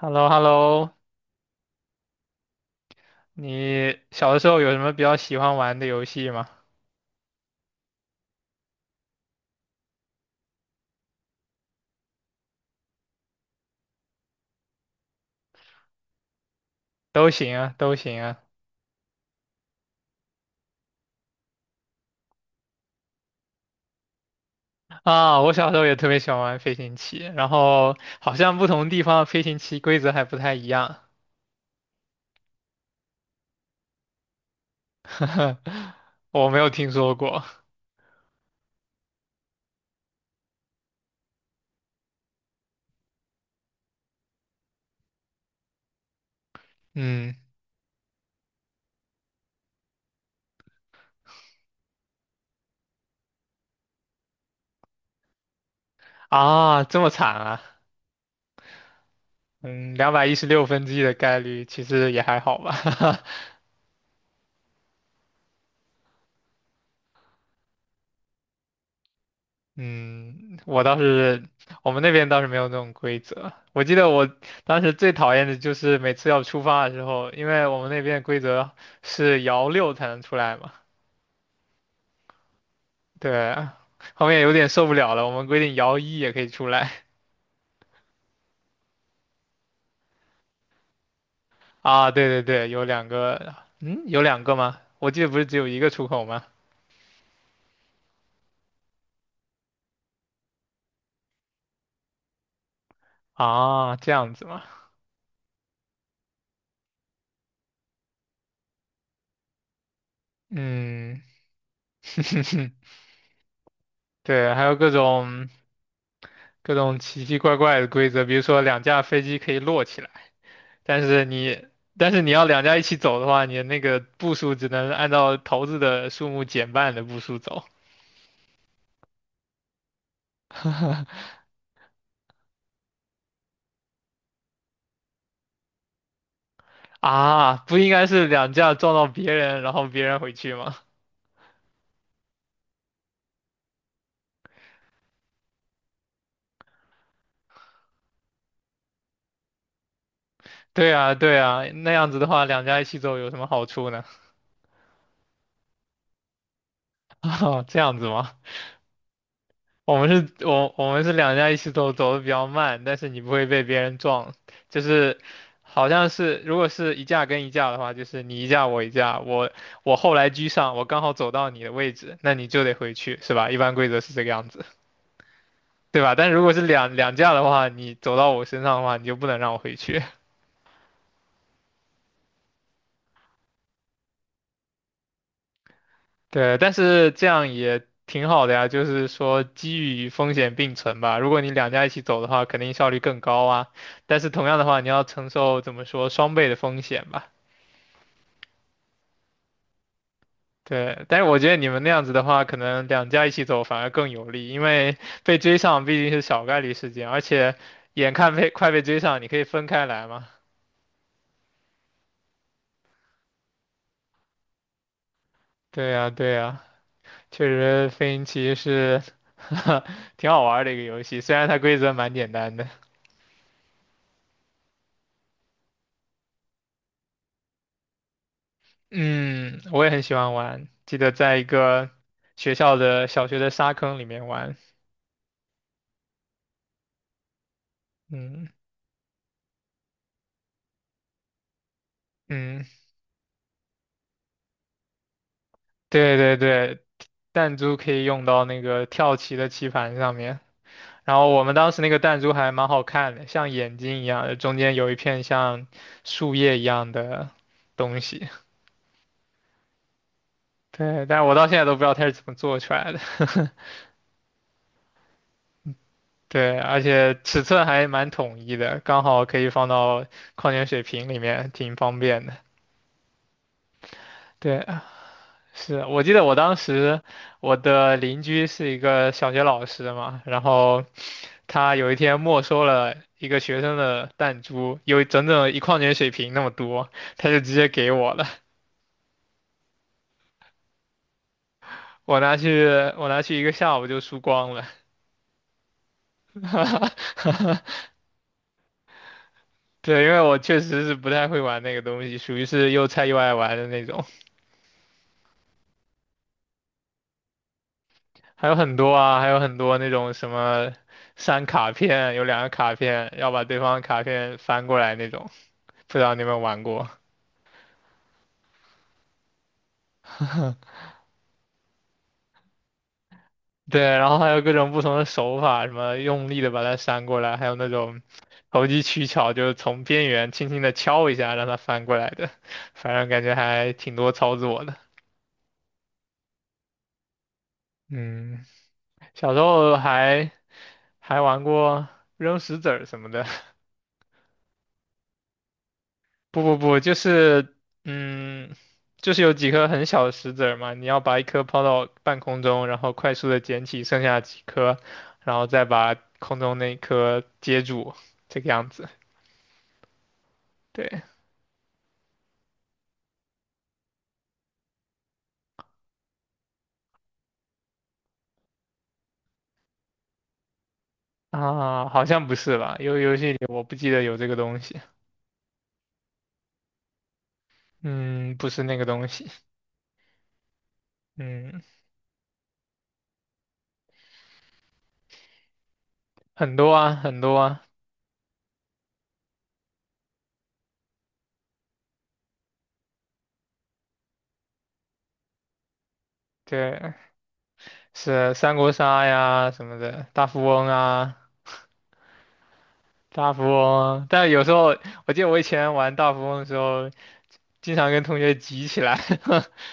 hello hello 你小的时候有什么比较喜欢玩的游戏吗？都行啊，都行啊。啊，我小时候也特别喜欢玩飞行棋，然后好像不同地方的飞行棋规则还不太一样，我没有听说过。嗯，啊，这么惨啊。嗯，216分之一的概率，其实也还好吧。嗯，我倒是，我们那边倒是没有那种规则。我记得我当时最讨厌的就是每次要出发的时候，因为我们那边的规则是摇六才能出来嘛，对，后面有点受不了了，我们规定摇一也可以出来。 啊。对对对，有两个，嗯，有两个吗？我记得不是只有一个出口吗？啊，这样子吗？嗯，对，还有各种各种奇奇怪怪的规则，比如说两架飞机可以摞起来。但是你但是你要两家一起走的话，你的那个步数只能按照骰子的数目减半的步数走。啊，不应该是两家撞到别人，然后别人回去吗？对啊，对啊，那样子的话，两家一起走有什么好处呢？啊，这样子吗？我们是，我们是两家一起走，走的比较慢，但是你不会被别人撞，就是好像是如果是一架跟一架的话，就是你一架我一架，我我后来居上，我刚好走到你的位置，那你就得回去，是吧？一般规则是这个样子，对吧？但如果是两架的话，你走到我身上的话，你就不能让我回去。对，但是这样也挺好的呀，就是说机遇与风险并存吧。如果你两家一起走的话，肯定效率更高啊。但是同样的话，你要承受怎么说双倍的风险吧。对，但是我觉得你们那样子的话，可能两家一起走反而更有利，因为被追上毕竟是小概率事件，而且眼看被快被追上，你可以分开来嘛。对呀，对呀，确实飞行棋是 挺好玩儿的一个游戏，虽然它规则蛮简单的。嗯，我也很喜欢玩，记得在一个学校的小学的沙坑里面玩。嗯嗯，对对对，弹珠可以用到那个跳棋的棋盘上面。然后我们当时那个弹珠还蛮好看的，像眼睛一样的，中间有一片像树叶一样的东西。对，但是我到现在都不知道它是怎么做出来的。对，而且尺寸还蛮统一的，刚好可以放到矿泉水瓶里面，挺方便的。对，是，我记得我当时我的邻居是一个小学老师嘛，然后他有一天没收了一个学生的弹珠，有整整一矿泉水瓶那么多，他就直接给我了，我拿去我拿去一个下午就输光了，对，因为我确实是不太会玩那个东西，属于是又菜又爱玩的那种，还有很多啊，还有很多那种什么删卡片，有两个卡片要把对方的卡片翻过来那种，不知道你有没有玩过。对，然后还有各种不同的手法，什么用力的把它扇过来，还有那种投机取巧，就是从边缘轻轻的敲一下让它翻过来的，反正感觉还挺多操作的。嗯，小时候还玩过扔石子儿什么的，不不不，就是嗯，就是有几颗很小的石子儿嘛，你要把一颗抛到半空中，然后快速的捡起剩下几颗，然后再把空中那一颗接住，这个样子。对。啊，好像不是吧？游戏里我不记得有这个东西。嗯，不是那个东西。嗯，很多啊，很多啊。对，是三国杀呀什么的，大富翁啊，大富翁啊。但有时候我记得我以前玩大富翁的时候，经常跟同学急起来。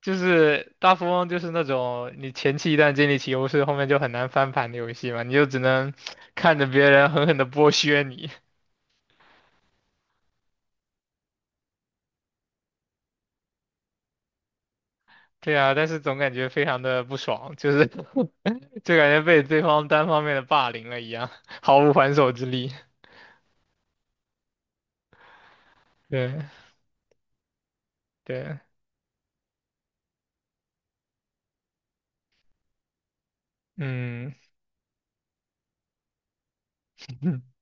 就是大富翁就是那种你前期一旦建立起优势，后面就很难翻盘的游戏嘛，你就只能看着别人狠狠的剥削你。对啊，但是总感觉非常的不爽，就是 就感觉被对方单方面的霸凌了一样，毫无还手之力。对对，嗯，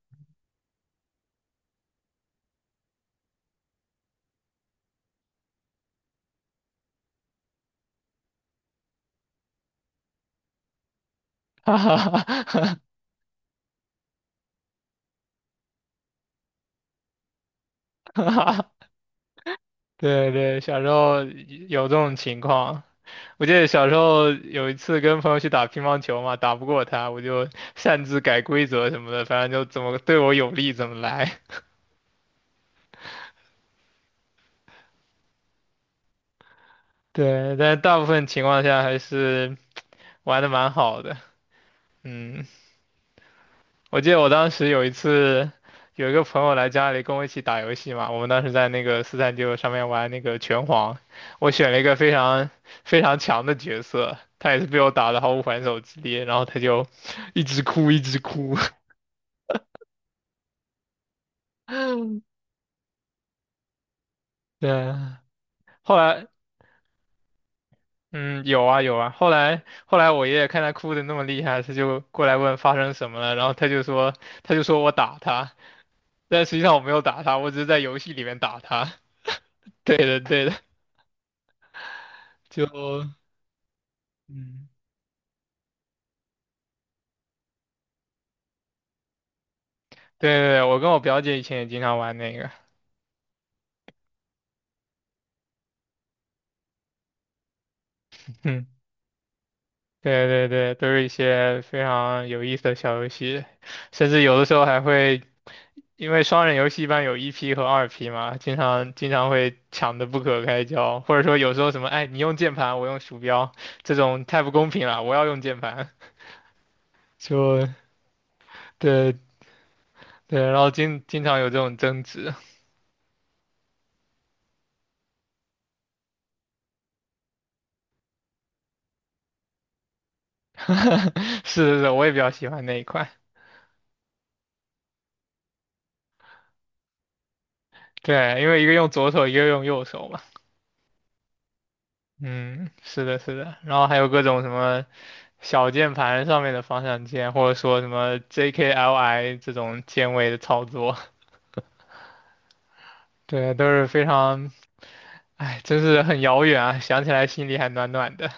哈哈哈哈哈哈 对对，小时候有这种情况。我记得小时候有一次跟朋友去打乒乓球嘛，打不过他，我就擅自改规则什么的，反正就怎么对我有利怎么来。对，但大部分情况下还是玩的蛮好的。嗯。我记得我当时有一次，有一个朋友来家里跟我一起打游戏嘛，我们当时在那个4399上面玩那个拳皇，我选了一个非常非常强的角色，他也是被我打得毫无还手之力，然后他就 一直哭一直哭，对，后来嗯有啊有啊，后来我爷爷看他哭的那么厉害，他就过来问发生什么了，然后他就说他就说我打他，但实际上我没有打他，我只是在游戏里面打他，对的对的，就嗯。对对对，我跟我表姐以前也经常玩那个，嗯，对对对，都是一些非常有意思的小游戏，甚至有的时候还会，因为双人游戏一般有1P 和 2P 嘛，经常会抢得不可开交，或者说有时候什么，哎，你用键盘，我用鼠标，这种太不公平了，我要用键盘，就对对，然后经常有这种争执，是是是，我也比较喜欢那一块，对，因为一个用左手，一个用右手嘛。嗯，是的，是的，然后还有各种什么小键盘上面的方向键，或者说什么 JKLI 这种键位的操作，对，都是非常，哎，真是很遥远啊，想起来心里还暖暖的。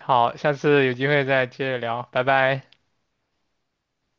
好，下次有机会再接着聊，拜拜。